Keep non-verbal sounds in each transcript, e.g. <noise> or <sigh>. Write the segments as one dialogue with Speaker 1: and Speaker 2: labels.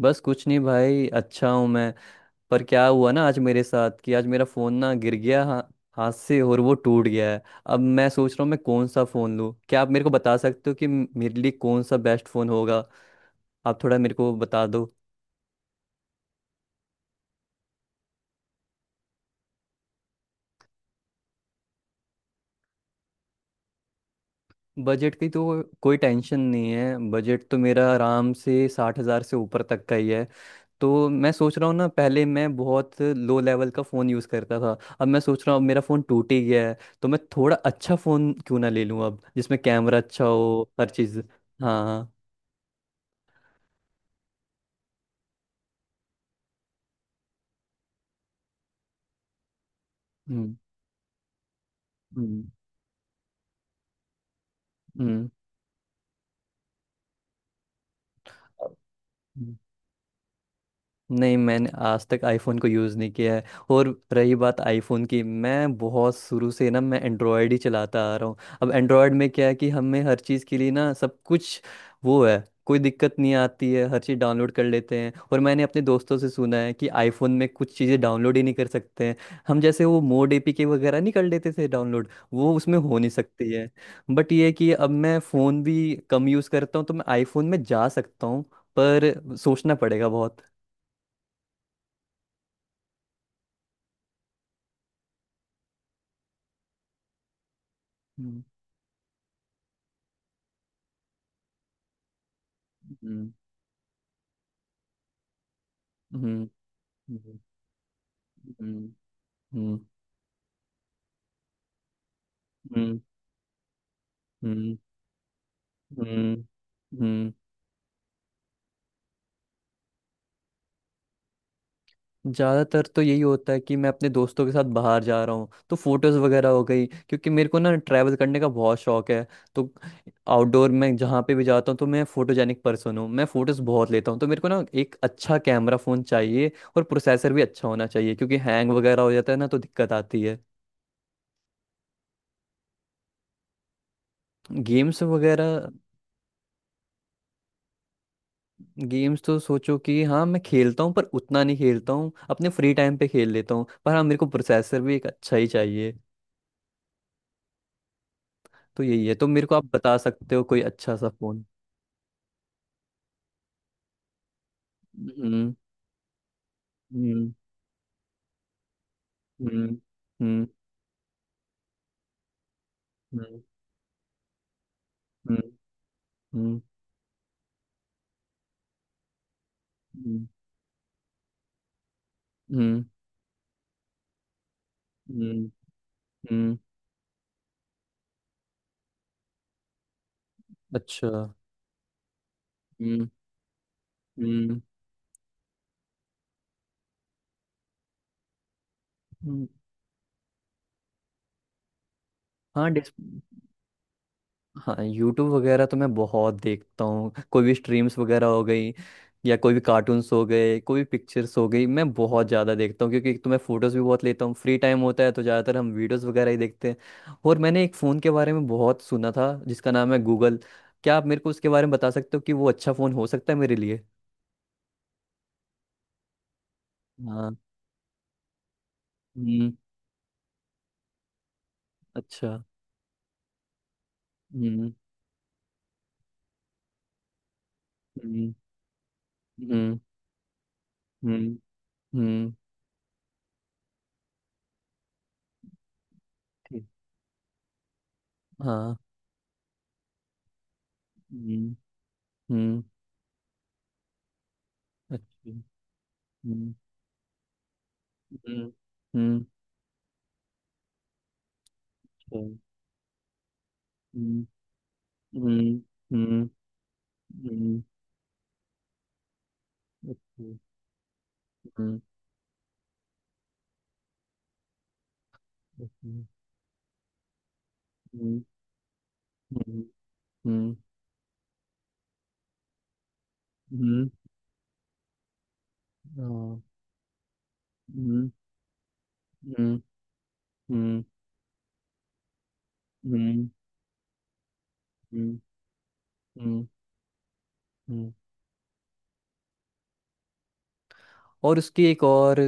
Speaker 1: बस कुछ नहीं भाई, अच्छा हूँ मैं। पर क्या हुआ ना आज मेरे साथ कि आज मेरा फोन ना गिर गया, हाथ से, और वो टूट गया है। अब मैं सोच रहा हूँ मैं कौन सा फोन लूँ, क्या आप मेरे को बता सकते हो कि मेरे लिए कौन सा बेस्ट फोन होगा? आप थोड़ा मेरे को बता दो। बजट की तो कोई टेंशन नहीं है, बजट तो मेरा आराम से 60,000 से ऊपर तक का ही है। तो मैं सोच रहा हूँ ना, पहले मैं बहुत लो लेवल का फ़ोन यूज़ करता था। अब मैं सोच रहा हूँ अब मेरा फ़ोन टूट ही गया है तो मैं थोड़ा अच्छा फ़ोन क्यों ना ले लूँ, अब जिसमें कैमरा अच्छा हो, हर चीज़। हाँ, हाँ। हम्म। हम्म। हम्म। नहीं, मैंने आज तक आईफोन को यूज़ नहीं किया है। और रही बात आईफोन की, मैं बहुत शुरू से ना मैं एंड्रॉयड ही चलाता आ रहा हूँ। अब एंड्रॉयड में क्या है कि हमें हर चीज़ के लिए ना, सब कुछ वो है, कोई दिक्कत नहीं आती है, हर चीज़ डाउनलोड कर लेते हैं। और मैंने अपने दोस्तों से सुना है कि आईफोन में कुछ चीज़ें डाउनलोड ही नहीं कर सकते हैं हम, जैसे वो मोड एपीके वगैरह नहीं कर लेते थे डाउनलोड, वो उसमें हो नहीं सकती है। बट ये है कि अब मैं फ़ोन भी कम यूज़ करता हूँ तो मैं आईफोन में जा सकता हूँ, पर सोचना पड़ेगा बहुत। हम्म। हम्म। हम्म। हम्म। हम्म। हम्म। हम्म। हम्म, हम्म, हम्म। ज्यादातर तो यही होता है कि मैं अपने दोस्तों के साथ बाहर जा रहा हूँ तो फोटोज वगैरह हो गई, क्योंकि मेरे को ना ट्रैवल करने का बहुत शौक है। तो आउटडोर में जहाँ पे भी जाता हूँ तो मैं फोटोजेनिक पर्सन हूँ, मैं फोटोज बहुत लेता हूँ, तो मेरे को ना एक अच्छा कैमरा फोन चाहिए। और प्रोसेसर भी अच्छा होना चाहिए क्योंकि हैंग वगैरह हो जाता है ना, तो दिक्कत आती है। गेम्स वगैरह। गेम्स तो सोचो कि हाँ मैं खेलता हूँ, पर उतना नहीं खेलता हूँ, अपने फ्री टाइम पे खेल लेता हूँ, पर हाँ मेरे को प्रोसेसर भी एक अच्छा ही चाहिए। तो यही है, तो मेरे को आप बता सकते हो कोई अच्छा सा फोन। हम्म। हम्म। हम्म। हम्म। हम्म। हम्म। हम्म। हम्म। हम्म। हम्म, हम्म, अच्छा। हम्म। हम्म। हम्म, हाँ। हाँ, यूट्यूब वगैरह तो मैं बहुत देखता हूँ, कोई भी स्ट्रीम्स वगैरह हो गई या कोई भी कार्टून्स हो गए, कोई भी पिक्चर्स हो गई, मैं बहुत ज़्यादा देखता हूँ। क्योंकि एक तो मैं फ़ोटोज़ भी बहुत लेता हूँ, फ्री टाइम होता है तो ज़्यादातर हम वीडियोज़ वगैरह ही देखते हैं। और मैंने एक फ़ोन के बारे में बहुत सुना था जिसका नाम है गूगल, क्या आप मेरे को उसके बारे में बता सकते हो कि वो अच्छा फ़ोन हो सकता है मेरे लिए? हाँ। हम्म। अच्छा। हम्म। हम्म। हम्म। हम्म। हम्म। ठीक। हाँ। हम्म। हम्म। अच्छा। हम्म। हम्म। हम्म। अच्छा, हुँ, हुँ, हुँ, हुँ, ओके, हुँ, ओके, हुँ, हुँ, हुँ, हुँ, हाँ, हुँ, हुँ, हुँ, हुँ, हुँ, हुँ, हुँ। और उसकी एक और,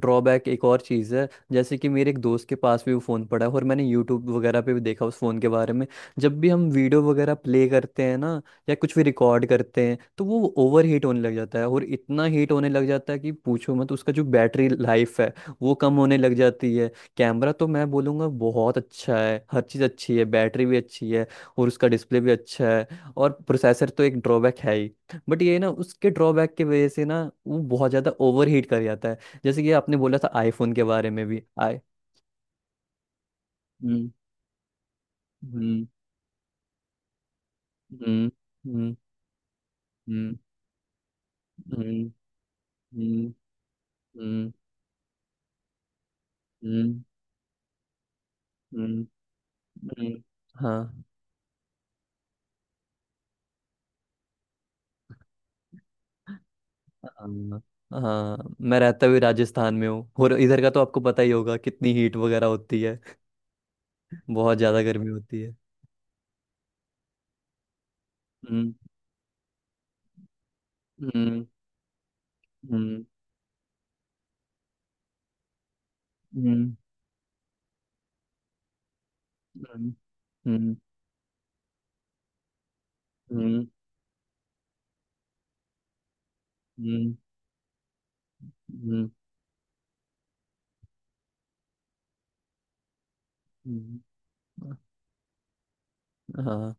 Speaker 1: ड्रॉबैक एक और चीज़ है, जैसे कि मेरे एक दोस्त के पास भी वो फ़ोन पड़ा है और मैंने यूट्यूब वगैरह पे भी देखा उस फ़ोन के बारे में। जब भी हम वीडियो वगैरह प्ले करते हैं ना या कुछ भी रिकॉर्ड करते हैं, तो वो ओवर हीट होने लग जाता है और इतना हीट होने लग जाता है कि पूछो मत, उसका जो बैटरी लाइफ है वो कम होने लग जाती है। कैमरा तो मैं बोलूँगा बहुत अच्छा है, हर चीज़ अच्छी है, बैटरी भी अच्छी है, और उसका डिस्प्ले भी अच्छा है, और प्रोसेसर तो एक ड्रॉबैक है ही। बट ये ना उसके ड्रॉबैक की वजह से ना वो बहुत ज़्यादा ओवर हीट कर जाता है। जैसे कि आपने बोला था आईफोन के बारे में भी आई। हम्म। हम्म। हम्म। हम्म। हम्म। हम्म। हम्म। हम्म। हम्म। हम्म, हम्म, हाँ। हाँ, हाँ, मैं रहता भी राजस्थान में हूँ, और इधर का तो आपको पता ही होगा कितनी हीट वगैरह होती है। बहुत ज़्यादा गर्मी होती है। हम्म। हम्म। हम्म। हम्म। हम्म। हम्म। हम्म। हम्म, हम्म, हम्म, हाँ।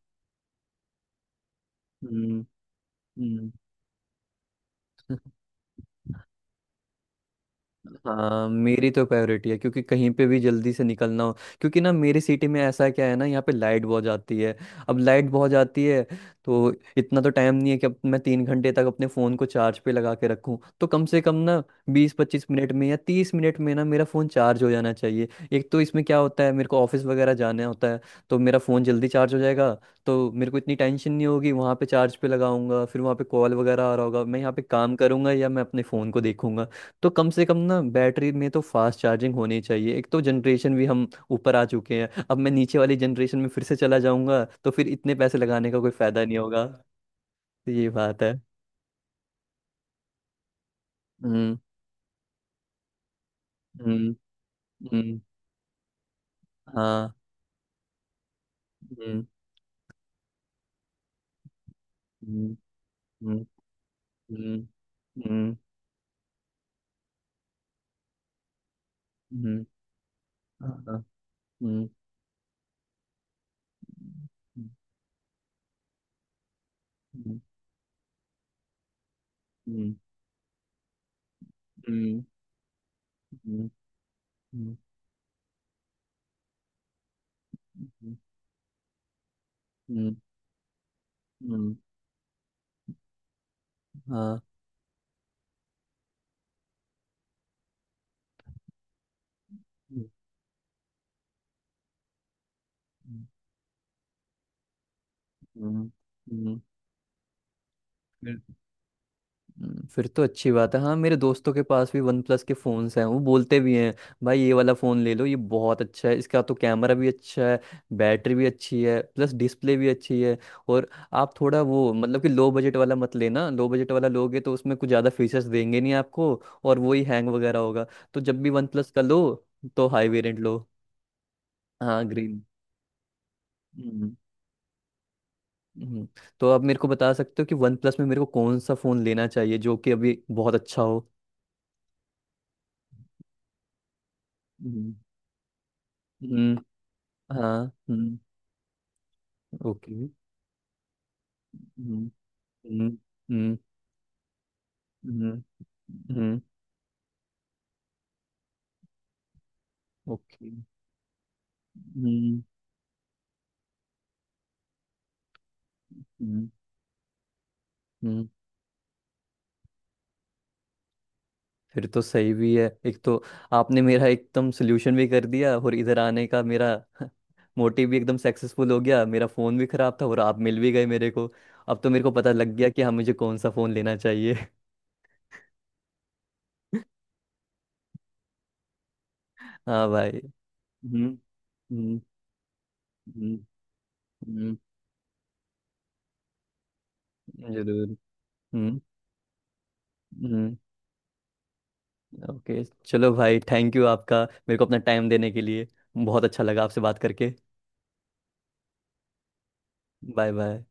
Speaker 1: हम्म। हम्म। हाँ, मेरी तो प्रायोरिटी है, क्योंकि कहीं पे भी जल्दी से निकलना हो, क्योंकि ना मेरी सिटी में ऐसा क्या है ना यहाँ पे लाइट बहुत जाती है। अब लाइट बहुत जाती है, तो इतना तो टाइम नहीं है कि अब मैं 3 घंटे तक अपने फ़ोन को चार्ज पे लगा के रखूँ। तो कम से कम ना 20-25 मिनट में या 30 मिनट में ना मेरा फ़ोन चार्ज हो जाना चाहिए। एक तो इसमें क्या होता है मेरे को ऑफिस वगैरह जाना होता है, तो मेरा फ़ोन जल्दी चार्ज हो जाएगा, तो मेरे को इतनी टेंशन नहीं होगी, वहाँ पे चार्ज पे लगाऊंगा, फिर वहाँ पे कॉल वगैरह आ रहा होगा, मैं यहाँ पे काम करूंगा या मैं अपने फ़ोन को देखूंगा। तो कम से कम ना बैटरी में तो फास्ट चार्जिंग होनी चाहिए। एक तो जनरेशन भी हम ऊपर आ चुके हैं, अब मैं नीचे वाली जनरेशन में फिर से चला जाऊंगा तो फिर इतने पैसे लगाने का कोई फायदा नहीं होगा। तो ये बात है। हम्म। हम्म। हम्म। हाँ। हम्म। हम्म। हम्म। हम्म। हम्म। हम्म, हाँ, हम्म, हम्म, हम्म, हम्म, हम्म, हम्म, हम्म, हम्म, हम्म, हाँ, हम्म, हम्म, हम्म, हम्म, हम्म। फिर तो अच्छी बात है, हाँ मेरे दोस्तों के पास भी वन प्लस के फ़ोन्स हैं, वो बोलते भी हैं, भाई ये वाला फ़ोन ले लो, ये बहुत अच्छा है, इसका तो कैमरा भी अच्छा है, बैटरी भी अच्छी है, प्लस डिस्प्ले भी अच्छी है। और आप थोड़ा वो मतलब कि लो बजट वाला मत लेना, लो बजट वाला लोगे तो उसमें कुछ ज़्यादा फीचर्स देंगे नहीं आपको, और वही हैंग वगैरह होगा। तो जब भी वन प्लस का लो तो हाई वेरिएंट लो। हाँ, ग्रीन। हम्म। हम्म। तो आप मेरे को बता सकते हो कि वन प्लस में मेरे को कौन सा फ़ोन लेना चाहिए जो कि अभी बहुत अच्छा हो? हम्म। हाँ। हम्म। ओके। हम्म। हम्म। हम्म। हम्म। हम्म। ओके। हम्म। हम्म। हम्म। फिर तो सही भी है, एक तो आपने मेरा एकदम सोल्यूशन भी कर दिया, और इधर आने का मेरा <laughs> मोटिव भी एकदम सक्सेसफुल हो गया, मेरा फ़ोन भी ख़राब था और आप मिल भी गए मेरे को। अब तो मेरे को पता लग गया कि हाँ, मुझे कौन सा फ़ोन लेना चाहिए। <laughs> हाँ भाई। हम्म। हम्म। हम्म। हम्म, जरूर। हम्म। हम्म। ओके, चलो भाई, थैंक यू आपका, मेरे को अपना टाइम देने के लिए। बहुत अच्छा लगा आपसे बात करके। Bye bye.